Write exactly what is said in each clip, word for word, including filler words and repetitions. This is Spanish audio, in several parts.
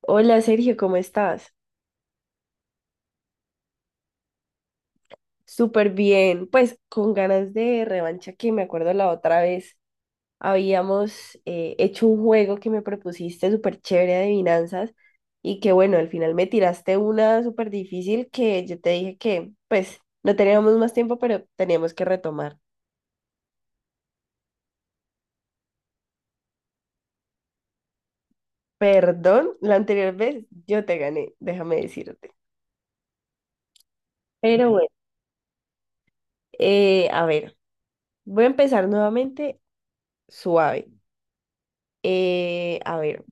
Hola Sergio, ¿cómo estás? Súper bien, pues con ganas de revancha que me acuerdo la otra vez habíamos eh, hecho un juego que me propusiste súper chévere de adivinanzas y que bueno, al final me tiraste una súper difícil que yo te dije que pues no teníamos más tiempo, pero teníamos que retomar. Perdón, la anterior vez yo te gané, déjame decirte. Pero bueno, eh, a ver, voy a empezar nuevamente suave. Eh, a ver,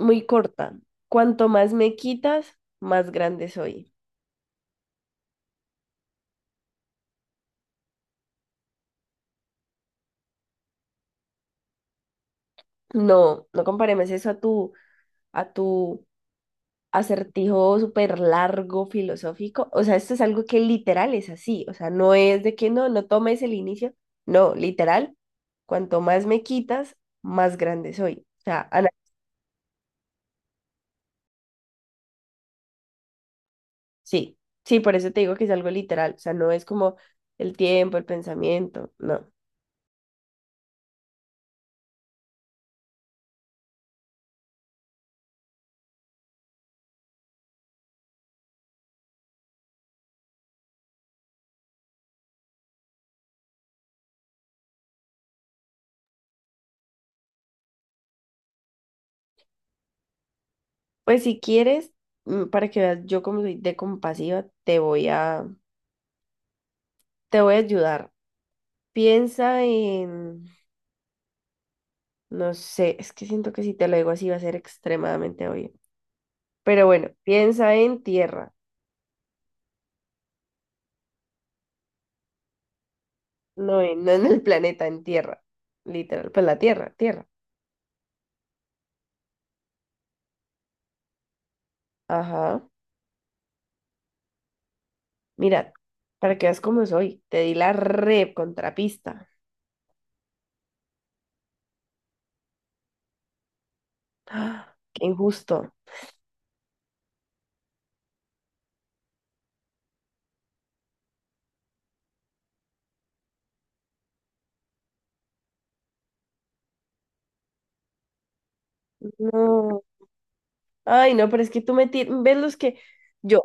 muy corta. Cuanto más me quitas, más grande soy. No, no comparemos eso a tu, a tu acertijo súper largo filosófico. O sea, esto es algo que literal es así. O sea, no es de que no, no tomes el inicio. No, literal, cuanto más me quitas, más grande soy. O sea, ana- sí, sí, por eso te digo que es algo literal. O sea, no es como el tiempo, el pensamiento, no. Pues si quieres, mm, para que veas yo como soy de compasiva, te voy a te voy a ayudar. Piensa en, no sé, es que siento que si te lo digo así va a ser extremadamente obvio. Pero bueno, piensa en tierra, no en, no en el planeta, en tierra. Literal, pues la tierra, tierra. Ajá. Mira, para que veas cómo soy, te di la re contrapista. ¡Ah! Qué injusto. No. Ay, no, pero es que tú me ti- ves los que yo.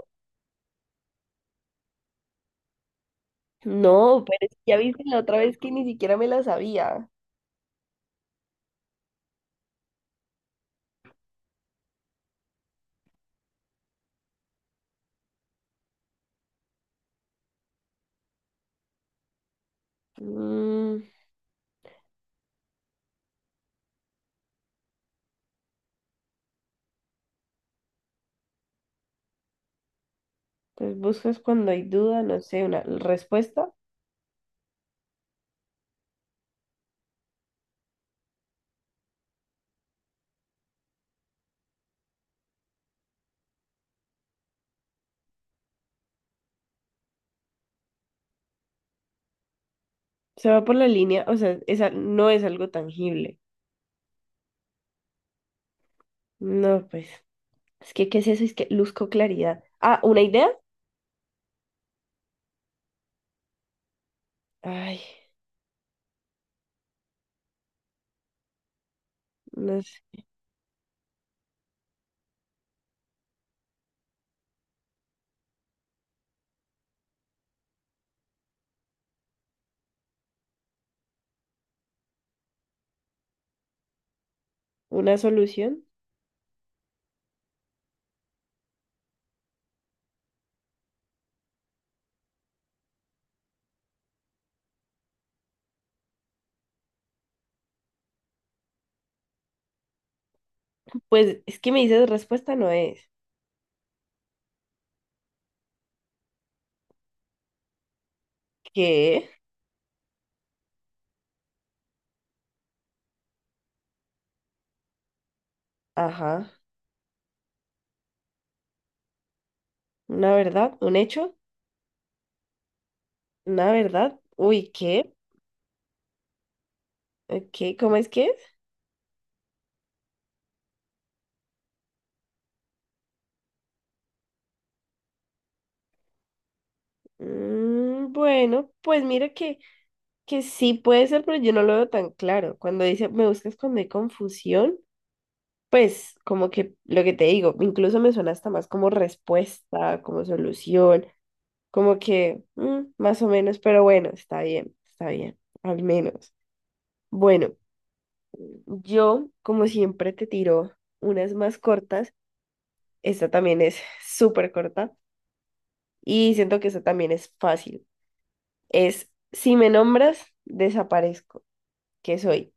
No, pero es que ya viste la otra vez que ni siquiera me la sabía. Mm. Entonces buscas cuando hay duda, no sé, una respuesta. Se va por la línea, o sea, esa no es algo tangible. No, pues, es que, ¿qué es eso? Es que luzco claridad. Ah, ¿una idea? Ay, no sé. ¿Una solución? Pues, es que me dices respuesta no es. ¿Qué? Ajá. ¿Una verdad? ¿Un hecho? ¿Una verdad? Uy, ¿qué? ¿Qué? ¿Cómo es que es? Mm, bueno, pues mira que, que sí puede ser, pero yo no lo veo tan claro. Cuando dice, me buscas cuando hay confusión, pues como que lo que te digo, incluso me suena hasta más como respuesta, como solución, como que mm, más o menos, pero bueno, está bien, está bien, al menos. Bueno, yo como siempre te tiro unas más cortas, esta también es súper corta. Y siento que eso también es fácil. Es, si me nombras, desaparezco. ¿Qué soy?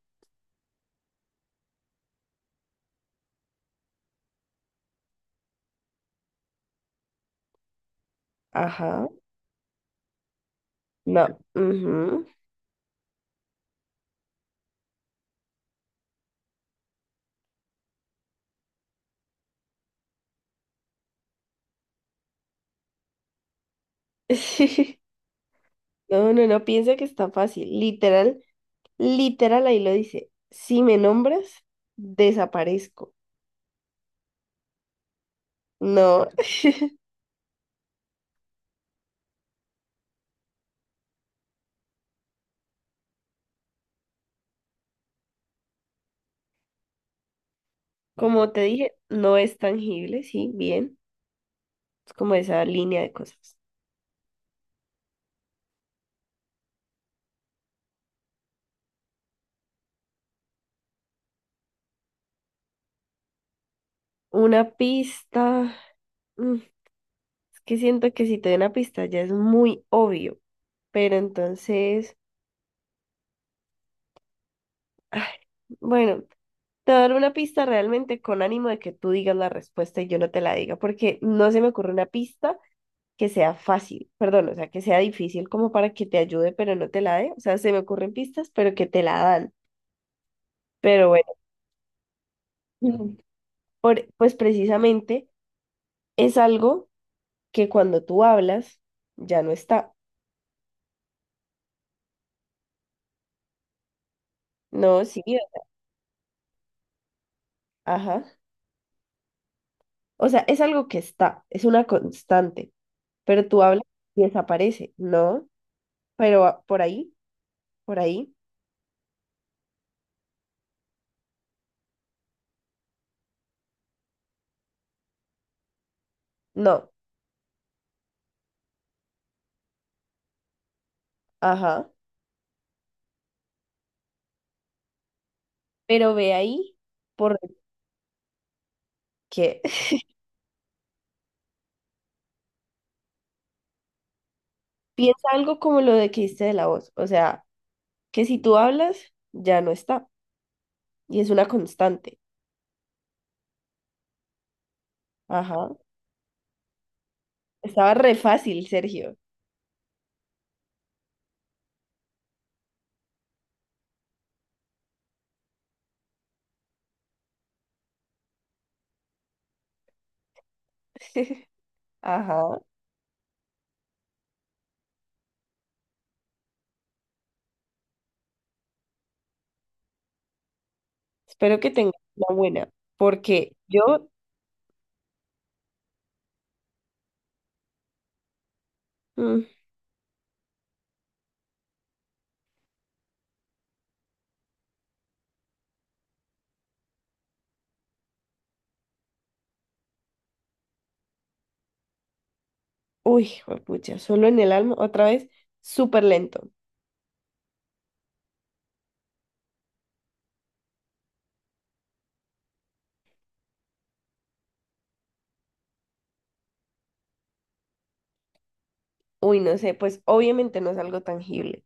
Ajá. No. Ujú. Sí. No, no, no, piensa que está fácil. Literal, literal ahí lo dice. Si me nombras, desaparezco. No. Como te dije, no es tangible, sí, bien. Es como esa línea de cosas. Una pista. mm, Es que siento que si te doy una pista ya es muy obvio. Pero entonces... Ay, bueno, te voy a dar una pista realmente con ánimo de que tú digas la respuesta y yo no te la diga, porque no se me ocurre una pista que sea fácil, perdón, o sea, que sea difícil como para que te ayude, pero no te la dé. O sea, se me ocurren pistas, pero que te la dan. Pero bueno, mm, por- pues precisamente es algo que cuando tú hablas ya no está. No, sí, ajá. O sea, es algo que está, es una constante, pero tú hablas y desaparece, ¿no? Pero ah, por ahí, por ahí. No, ajá, pero ve ahí por ¿qué? Piensa algo como lo de que dijiste de la voz, o sea, que si tú hablas, ya no está, y es una constante. Ajá. Estaba re fácil, Sergio. Ajá. Espero que tengas una buena, porque yo, mm, uy, pucha, solo en el alma, otra vez, súper lento. Uy, no sé, pues obviamente no es algo tangible.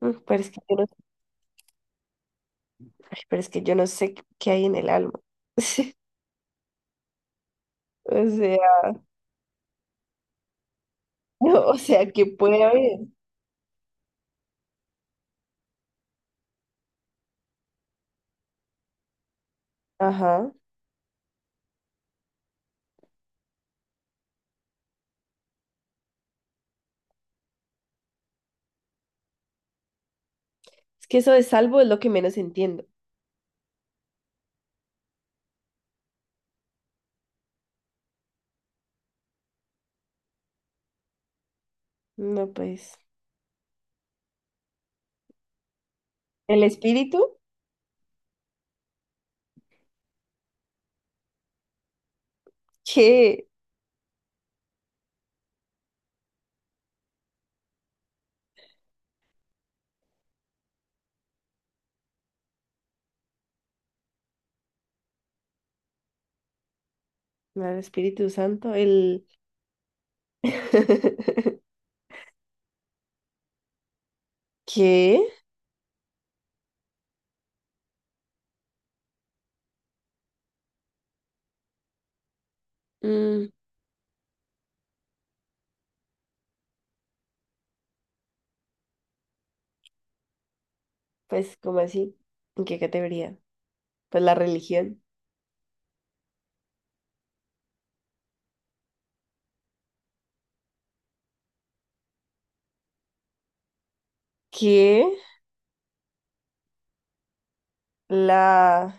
Mm, pero es que yo no, ay, pero es que yo no sé qué qué hay en el alma. O sea, o sea, que puede haber. Ajá. Es que eso de salvo es lo que menos entiendo. No, pues, el espíritu, ¿qué? No, el Espíritu Santo, el... ¿Qué? Mm, pues, ¿cómo así? ¿En qué categoría? Pues la religión. ¿Qué? La...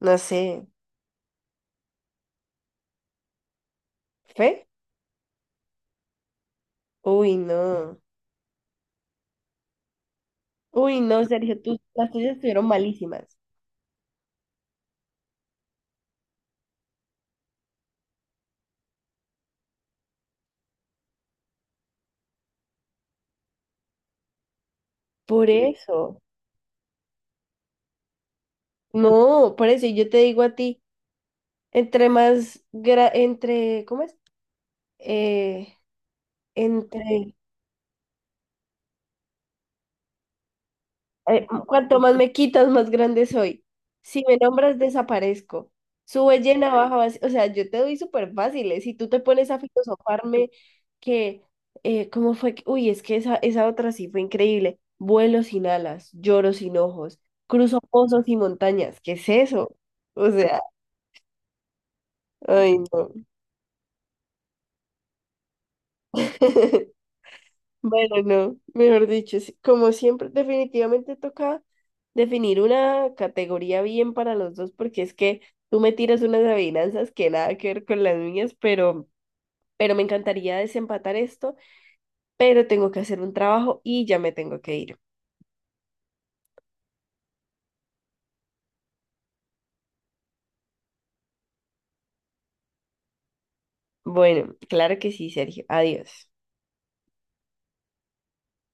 no sé, ¿fe? Uy, no. Uy, no, Sergio, tú, las tuyas estuvieron malísimas. Por eso. No, por eso, y yo te digo a ti, entre más, gra- entre, ¿cómo es? eh, entre, eh, cuanto más me quitas, más grande soy. Si me nombras, desaparezco. Sube llena, baja vacía. O sea, yo te doy súper fáciles. Si tú te pones a filosofarme que, eh, ¿cómo fue? que- Uy, es que esa, esa otra sí fue increíble. Vuelo sin alas, lloro sin ojos, cruzo pozos y montañas. ¿Qué es eso? O sea, ay, no. Bueno, no, mejor dicho, sí, como siempre, definitivamente toca definir una categoría bien para los dos, porque es que tú me tiras unas adivinanzas que nada que ver con las mías, pero, pero me encantaría desempatar esto, pero tengo que hacer un trabajo y ya me tengo que ir. Bueno, claro que sí, Sergio. Adiós.